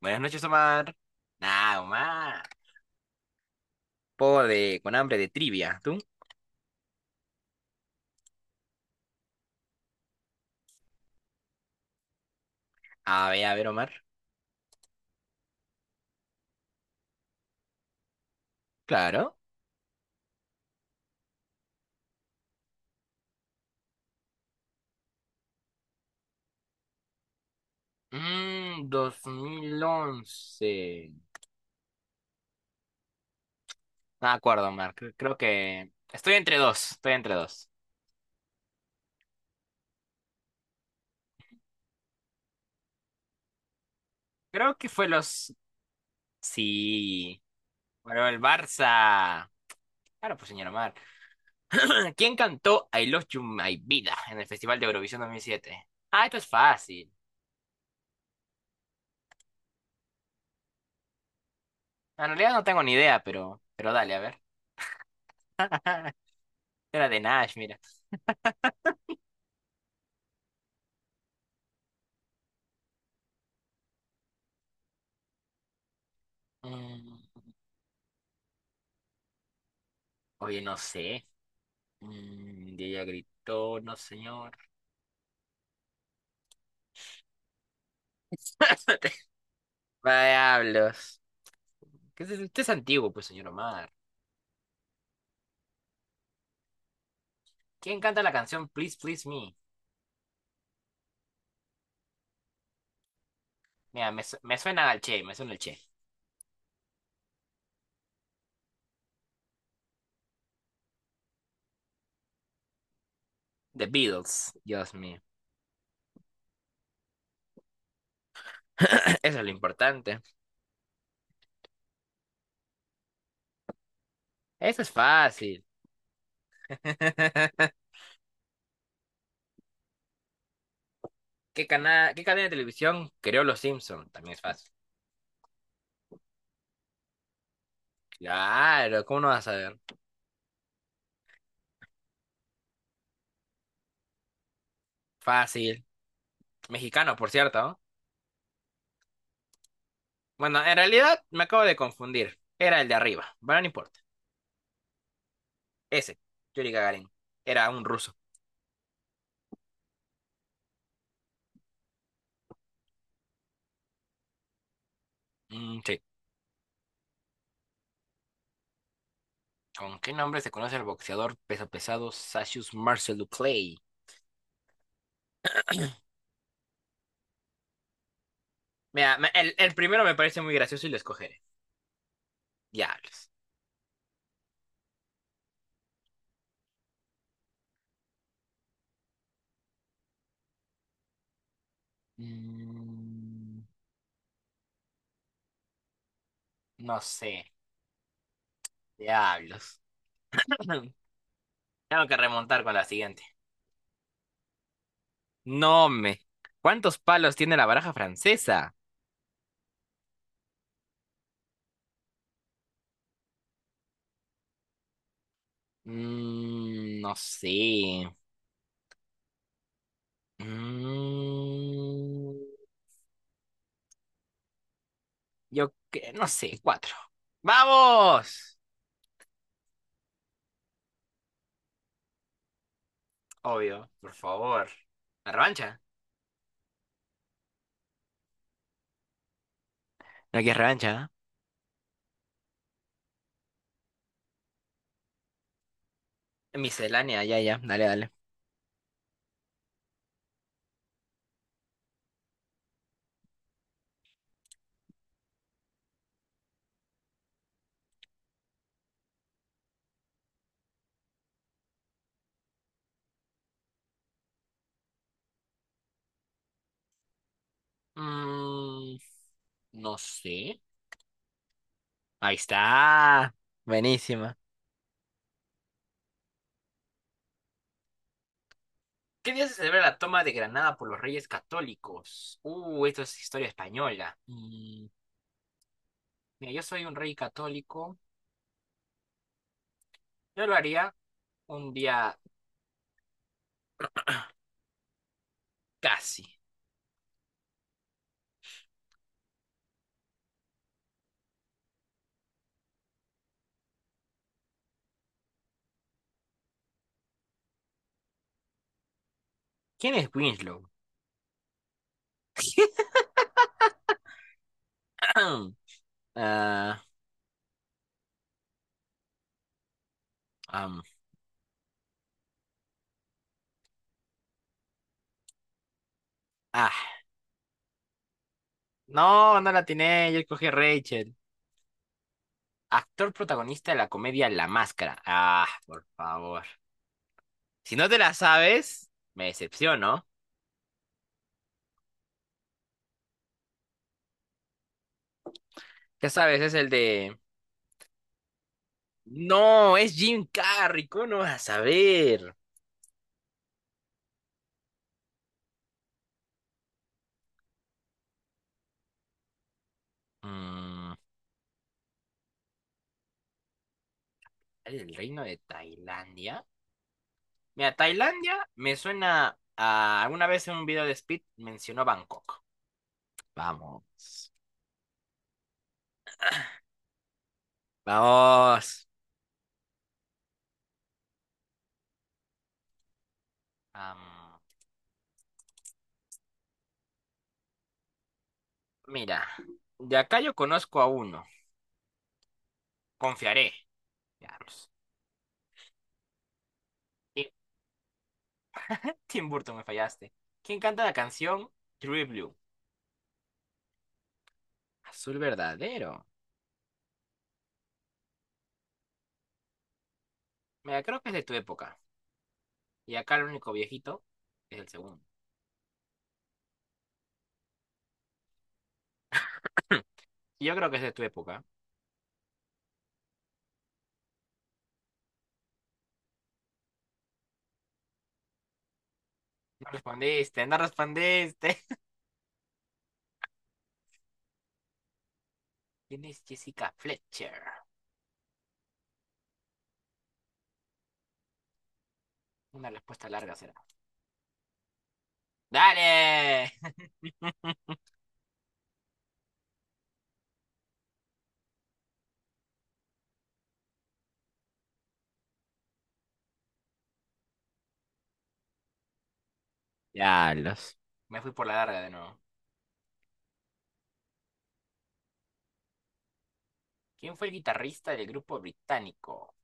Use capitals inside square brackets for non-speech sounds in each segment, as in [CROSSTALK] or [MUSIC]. Buenas noches, Omar. Nah, Omar. Poco de, con hambre de trivia. ¿Tú? A ver, Omar. Claro. 2011. No me acuerdo, Omar. Creo que. Estoy entre dos, estoy entre dos. Creo que fue los. Sí. Bueno, el Barça. Claro, pues, señor Omar. [CLEARS THROAT] ¿Quién cantó I Love You My Vida en el Festival de Eurovisión 2007? Ah, esto es fácil. En realidad no tengo ni idea, Pero dale, a ver. [LAUGHS] Era de Nash, mira. Mm. Oye, no sé. Y ella gritó, no señor. [LAUGHS] Diablos. ¿Qué es eso? Usted es antiguo, pues, señor Omar. ¿Quién canta la canción Please, Please Me? Mira, me suena al Che, me suena al Che. The Beatles, Dios mío. [CLEARS THROAT] [LAUGHS] Eso es lo importante. Eso es fácil. [LAUGHS] ¿Qué cadena de televisión creó Los Simpson? También es fácil. Claro, ¿cómo no vas a ver? Fácil. Mexicano, por cierto, ¿no? Bueno, en realidad me acabo de confundir. Era el de arriba, pero no importa. Ese, Yuri Gagarin, era un ruso. Mm, sí. ¿Con qué nombre se conoce el boxeador peso pesado Cassius Marcel Duclay? Mira, el primero me parece muy gracioso y lo escogeré. Diablos. Mm, no sé. Diablos. [CLEARS THROAT] Tengo que remontar con la siguiente. No me. ¿Cuántos palos tiene la baraja francesa? No sé. Mm, yo que no sé, cuatro. ¡Vamos! Obvio, por favor. ¿La revancha? Aquí es revancha, ¿eh? Miscelánea, ya, ya. Dale, dale. Mm, no sé. Ahí está. Buenísima. ¿Qué día se celebra la toma de Granada por los Reyes Católicos? Esto es historia española. Mira, yo soy un rey católico. Yo lo haría un día casi. ¿Quién es Winslow? [CLEARS THROAT] Ah, am, ah, No, no la tiene, yo escogí a Rachel. Actor protagonista de la comedia La Máscara. Ah, por favor. Si no te la sabes, me decepciono. Ya sabes, es el de. No, es Jim Carrey, ¿cómo no vas a saber? Mm, ¿El reino de Tailandia? Mira, Tailandia me suena a. Alguna vez en un video de Speed mencionó Bangkok. Vamos. Vamos. Am, mira, de acá yo conozco a uno. Confiaré. Veamos. Tim Burton, me fallaste. ¿Quién canta la canción True Blue? Azul verdadero. Mira, creo que es de tu época. Y acá el único viejito es el segundo. [CLEARS THROAT] Yo creo que es de tu época. No respondiste, no respondiste. [LAUGHS] ¿Quién es Jessica Fletcher? Una respuesta larga será. ¡Dale! [LAUGHS] Ya los. Me fui por la larga de nuevo. ¿Quién fue el guitarrista del grupo británico?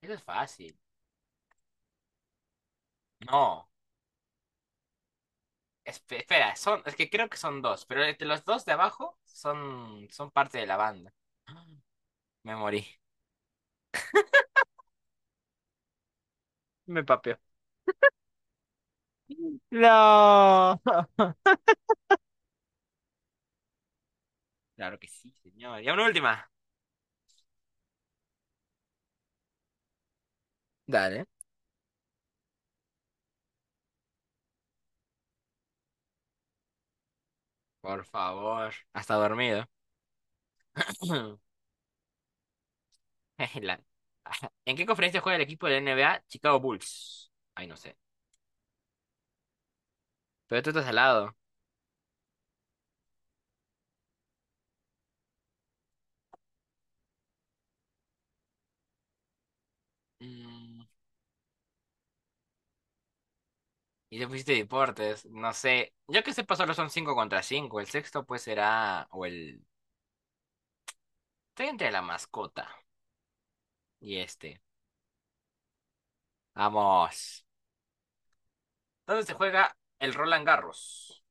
Eso es fácil. No. Espera, son, es que creo que son dos, pero entre los dos de abajo son parte de la banda. Me morí. Me papió. No. [LAUGHS] Claro que sí, señor. Y una última. Dale. Por favor, hasta dormido. [CLEARS THROAT] La- ¿En qué conferencia juega el equipo de NBA? Chicago Bulls. Ay, no sé. Pero tú estás al lado. Mm. Y te pusiste deportes. No sé. Yo que sepa, solo son 5 contra cinco. El sexto, pues será. O el. Estoy entre la mascota y este. Vamos. ¿Dónde se juega el Roland Garros?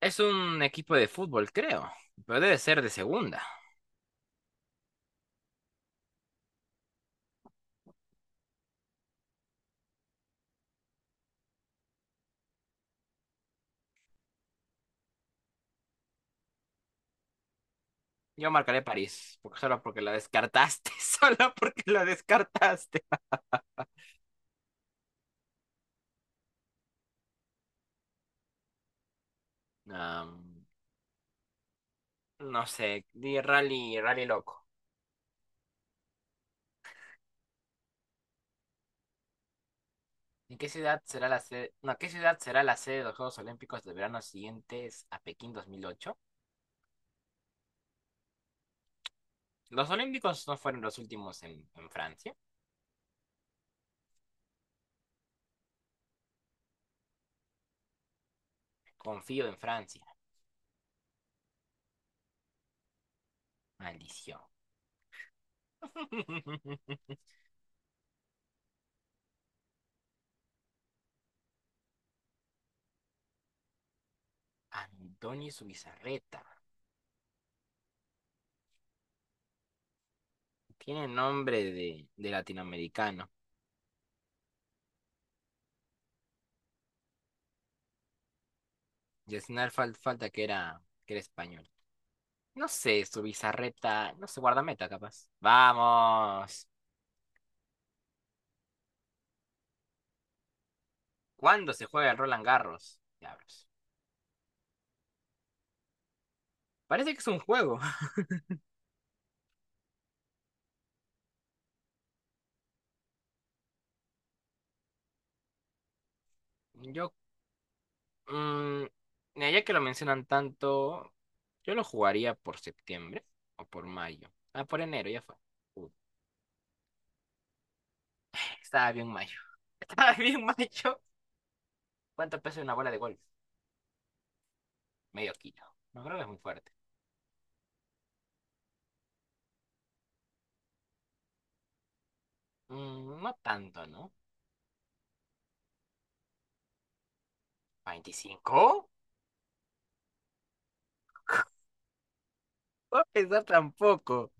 Es un equipo de fútbol, creo. Pero debe ser de segunda. Yo marcaré París, porque solo porque la descartaste. [LAUGHS] Solo porque la descartaste. Am, no sé, di rally, rally loco. ¿En qué ciudad será la sede? No, ¿qué ciudad será la sede de los Juegos Olímpicos de verano siguientes a Pekín 2008? Los Olímpicos no fueron los últimos en, Francia. Confío en Francia. Maldición. [LAUGHS] Antonio Zubizarreta. Tiene nombre de latinoamericano. Y al final falta que era español. No sé, Zubizarreta. No sé, guardameta capaz. ¡Vamos! ¿Cuándo se juega el Roland Garros? Diablos. Parece que es un juego. [LAUGHS] Yo. mm, Mira, ya que lo mencionan tanto, yo lo jugaría por septiembre o por mayo. Ah, por enero, ya fue. Uy, estaba bien mayo. [LAUGHS] Estaba bien mayo. ¿Cuánto pesa una bola de golf? Medio kilo. No creo que es muy fuerte. No tanto, ¿no? ¿25? No a pensar tampoco.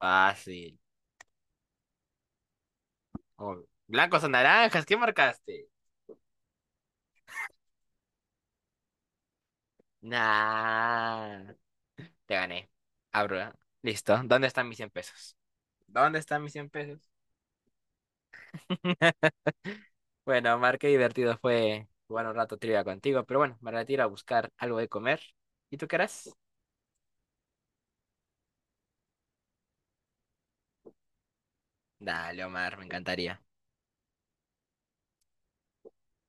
Fácil. Oh, blancos o naranjas, ¿qué marcaste? Nah. Te gané. Abro. ¿Eh? Listo. ¿Dónde están mis $100? ¿Dónde están mis $100? [LAUGHS] Bueno, Mar, qué divertido fue jugar un rato trivia contigo, pero bueno, me retiro a buscar algo de comer. ¿Y tú qué harás? Dale, Omar, me encantaría.